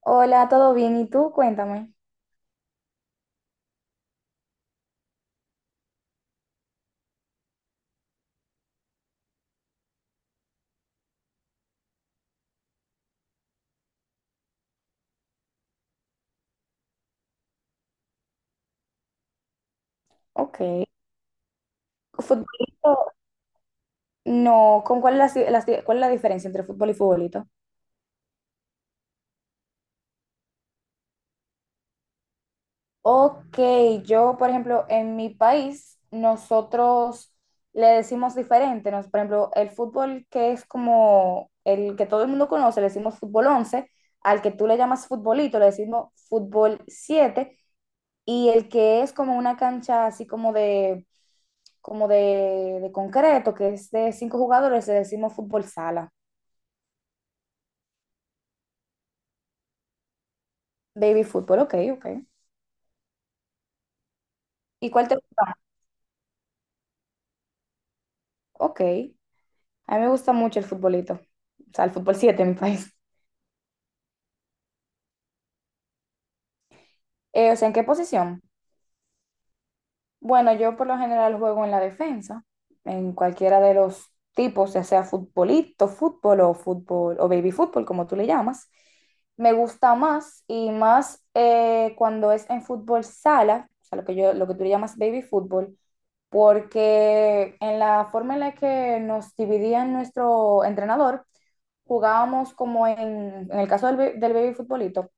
Hola, ¿todo bien? ¿Y tú? Cuéntame. Ok. ¿Futbolito? No, ¿con cuál es la, cuál es la diferencia entre fútbol y futbolito? Ok, yo, por ejemplo, en mi país, nosotros le decimos diferente, por ejemplo, el fútbol que es como el que todo el mundo conoce, le decimos fútbol 11, al que tú le llamas futbolito, le decimos fútbol 7. Y el que es como una cancha así como de, de concreto, que es de cinco jugadores, le decimos fútbol sala, baby fútbol, ok, ok. ¿Y cuál te gusta? Ok, a mí me gusta mucho el futbolito, o sea, el fútbol 7 en mi país. O sea, ¿en qué posición? Bueno, yo por lo general juego en la defensa, en cualquiera de los tipos, ya sea futbolito, fútbol o fútbol o baby fútbol, como tú le llamas. Me gusta más y más cuando es en fútbol sala, o sea, lo que yo, lo que tú le llamas baby fútbol, porque en la forma en la que nos dividía nuestro entrenador, jugábamos como en el caso del baby futbolito,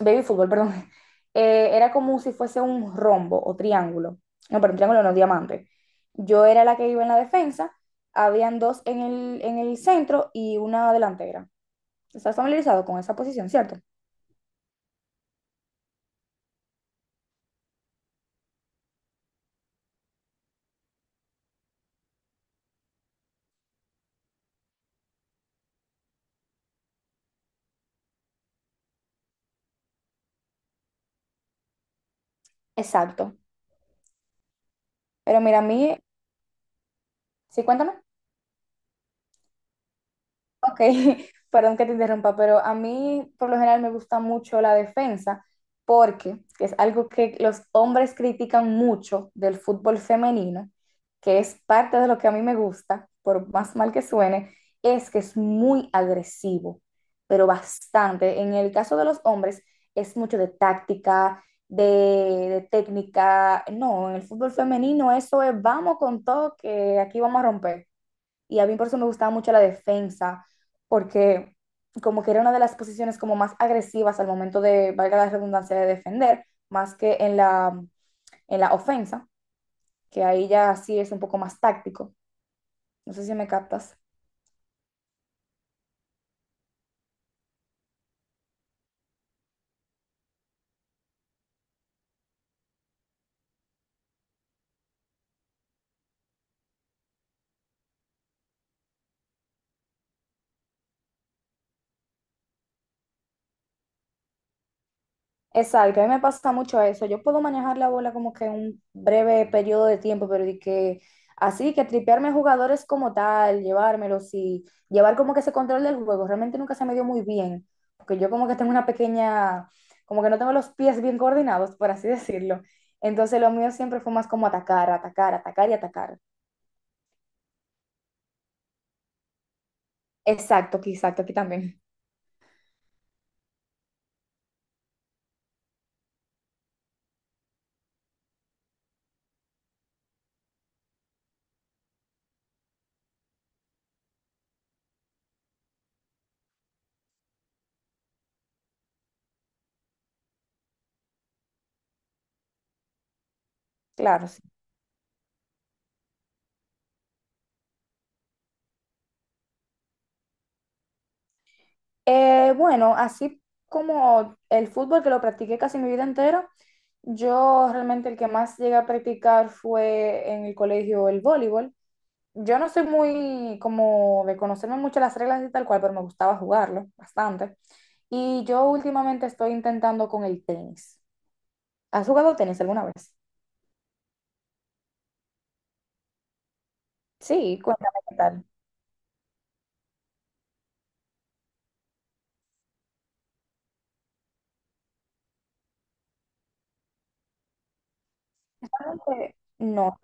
baby fútbol, perdón, era como si fuese un rombo o triángulo. No, perdón, triángulo no, diamante. Yo era la que iba en la defensa, habían dos en el centro y una delantera. ¿Estás familiarizado con esa posición, cierto? Exacto. Pero mira, a mí, sí, cuéntame. Ok, perdón que te interrumpa, pero a mí por lo general me gusta mucho la defensa porque es algo que los hombres critican mucho del fútbol femenino, que es parte de lo que a mí me gusta, por más mal que suene, es que es muy agresivo, pero bastante. En el caso de los hombres es mucho de táctica, de técnica. No, en el fútbol femenino eso es vamos con todo que aquí vamos a romper. Y a mí por eso me gustaba mucho la defensa, porque como que era una de las posiciones como más agresivas al momento de, valga la redundancia, de defender, más que en en la ofensa, que ahí ya sí es un poco más táctico. No sé si me captas. Exacto, a mí me pasa mucho eso. Yo puedo manejar la bola como que un breve periodo de tiempo, pero de que así que tripearme a jugadores como tal, llevármelos y llevar como que ese control del juego, realmente nunca se me dio muy bien, porque yo como que tengo una pequeña, como que no tengo los pies bien coordinados, por así decirlo. Entonces lo mío siempre fue más como atacar, atacar, atacar y atacar. Exacto, aquí también. Claro, sí. Bueno, así como el fútbol que lo practiqué casi mi vida entera, yo realmente el que más llegué a practicar fue en el colegio el voleibol. Yo no soy muy como de conocerme mucho las reglas y tal cual, pero me gustaba jugarlo bastante. Y yo últimamente estoy intentando con el tenis. ¿Has jugado tenis alguna vez? Sí, cuéntame qué tal. Realmente, no,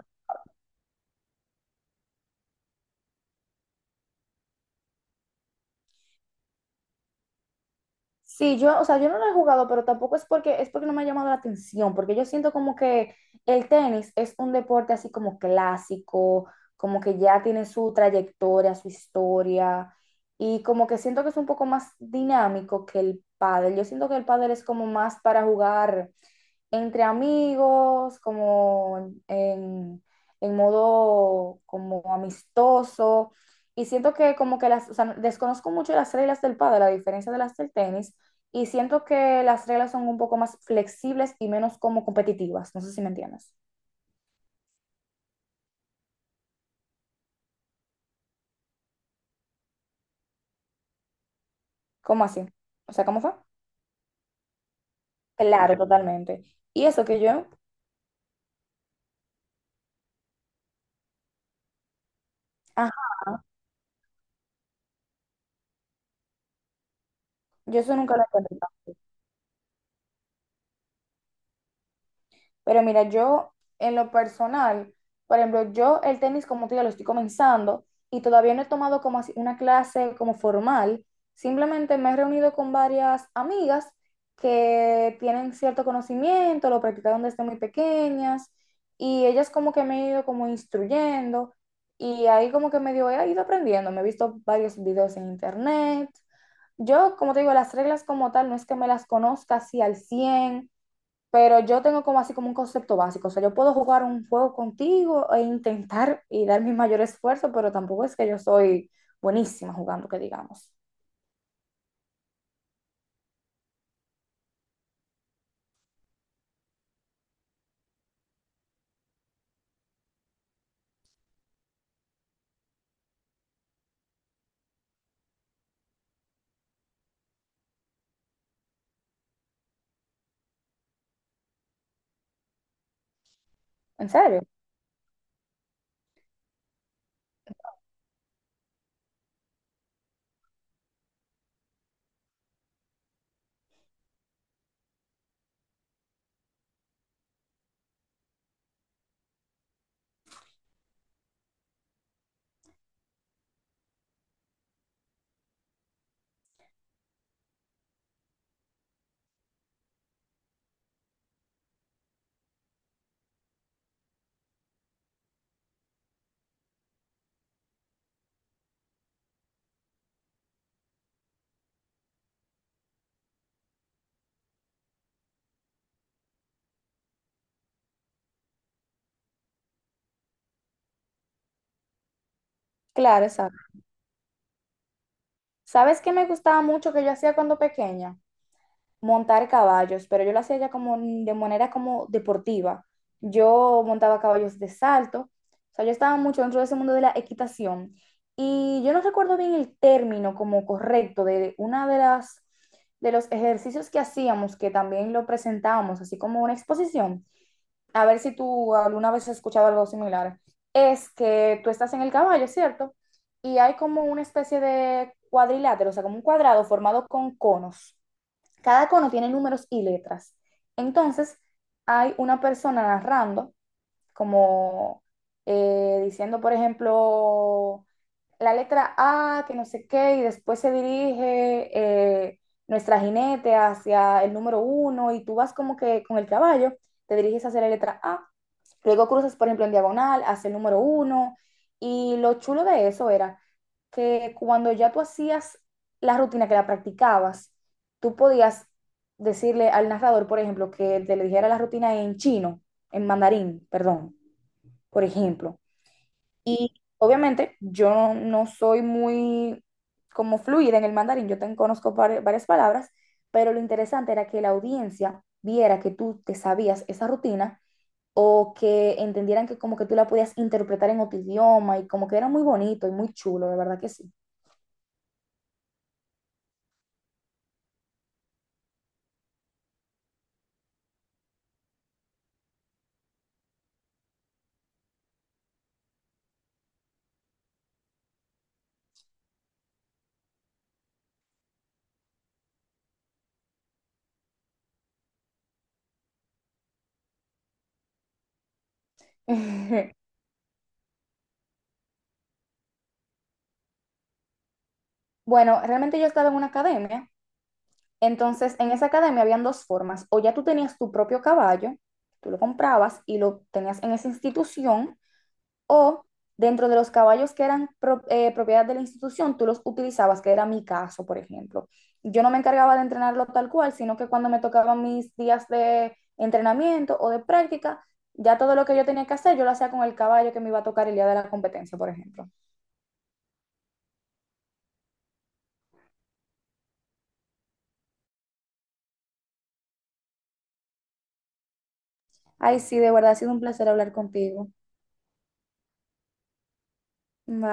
sí, yo, o sea, yo no lo he jugado, pero tampoco es porque no me ha llamado la atención, porque yo siento como que el tenis es un deporte así como clásico, como que ya tiene su trayectoria, su historia, y como que siento que es un poco más dinámico que el pádel. Yo siento que el pádel es como más para jugar entre amigos, como modo como amistoso. Y siento que como que las, o sea, desconozco mucho las reglas del pádel, a diferencia de las del tenis, y siento que las reglas son un poco más flexibles y menos como competitivas. No sé si me entiendes. ¿Cómo así? O sea, ¿cómo fue? Claro, totalmente. Y eso que yo, ajá, yo eso nunca lo he entendido. Pero mira, yo en lo personal, por ejemplo, yo el tenis como te digo lo estoy comenzando y todavía no he tomado como así una clase como formal. Simplemente me he reunido con varias amigas que tienen cierto conocimiento, lo practicaron desde muy pequeñas y ellas como que me han ido como instruyendo y ahí como que medio he ido aprendiendo. Me he visto varios videos en internet. Yo, como te digo, las reglas como tal no es que me las conozca así al cien, pero yo tengo como así como un concepto básico. O sea, yo puedo jugar un juego contigo e intentar y dar mi mayor esfuerzo, pero tampoco es que yo soy buenísima jugando, que digamos. ¿En serio? Claro, exacto. ¿Sabes qué me gustaba mucho que yo hacía cuando pequeña? Montar caballos, pero yo lo hacía ya como de manera como deportiva. Yo montaba caballos de salto, o sea, yo estaba mucho dentro de ese mundo de la equitación y yo no recuerdo bien el término como correcto de una de las de los ejercicios que hacíamos, que también lo presentábamos, así como una exposición. A ver si tú alguna vez has escuchado algo similar. Es que tú estás en el caballo, ¿cierto? Y hay como una especie de cuadrilátero, o sea, como un cuadrado formado con conos. Cada cono tiene números y letras. Entonces, hay una persona narrando, como diciendo, por ejemplo, la letra A, que no sé qué, y después se dirige eh, nuestra jinete hacia el número uno, y tú vas como que con el caballo, te diriges hacia la letra A, luego cruzas, por ejemplo, en diagonal, hacia el número uno. Y lo chulo de eso era que cuando ya tú hacías la rutina que la practicabas, tú podías decirle al narrador, por ejemplo, que te le dijera la rutina en chino, en mandarín, perdón, por ejemplo. Y obviamente yo no, no soy muy como fluida en el mandarín, yo te conozco varias palabras, pero lo interesante era que la audiencia viera que tú te sabías esa rutina o que entendieran que como que tú la podías interpretar en otro idioma y como que era muy bonito y muy chulo, de verdad que sí. Bueno, realmente yo estaba en una academia, entonces en esa academia habían dos formas, o ya tú tenías tu propio caballo, tú lo comprabas y lo tenías en esa institución, o dentro de los caballos que eran propiedad de la institución, tú los utilizabas, que era mi caso, por ejemplo. Yo no me encargaba de entrenarlo tal cual, sino que cuando me tocaban mis días de entrenamiento o de práctica, ya todo lo que yo tenía que hacer, yo lo hacía con el caballo que me iba a tocar el día de la competencia, por ejemplo. Ay, sí, de verdad ha sido un placer hablar contigo. Bye.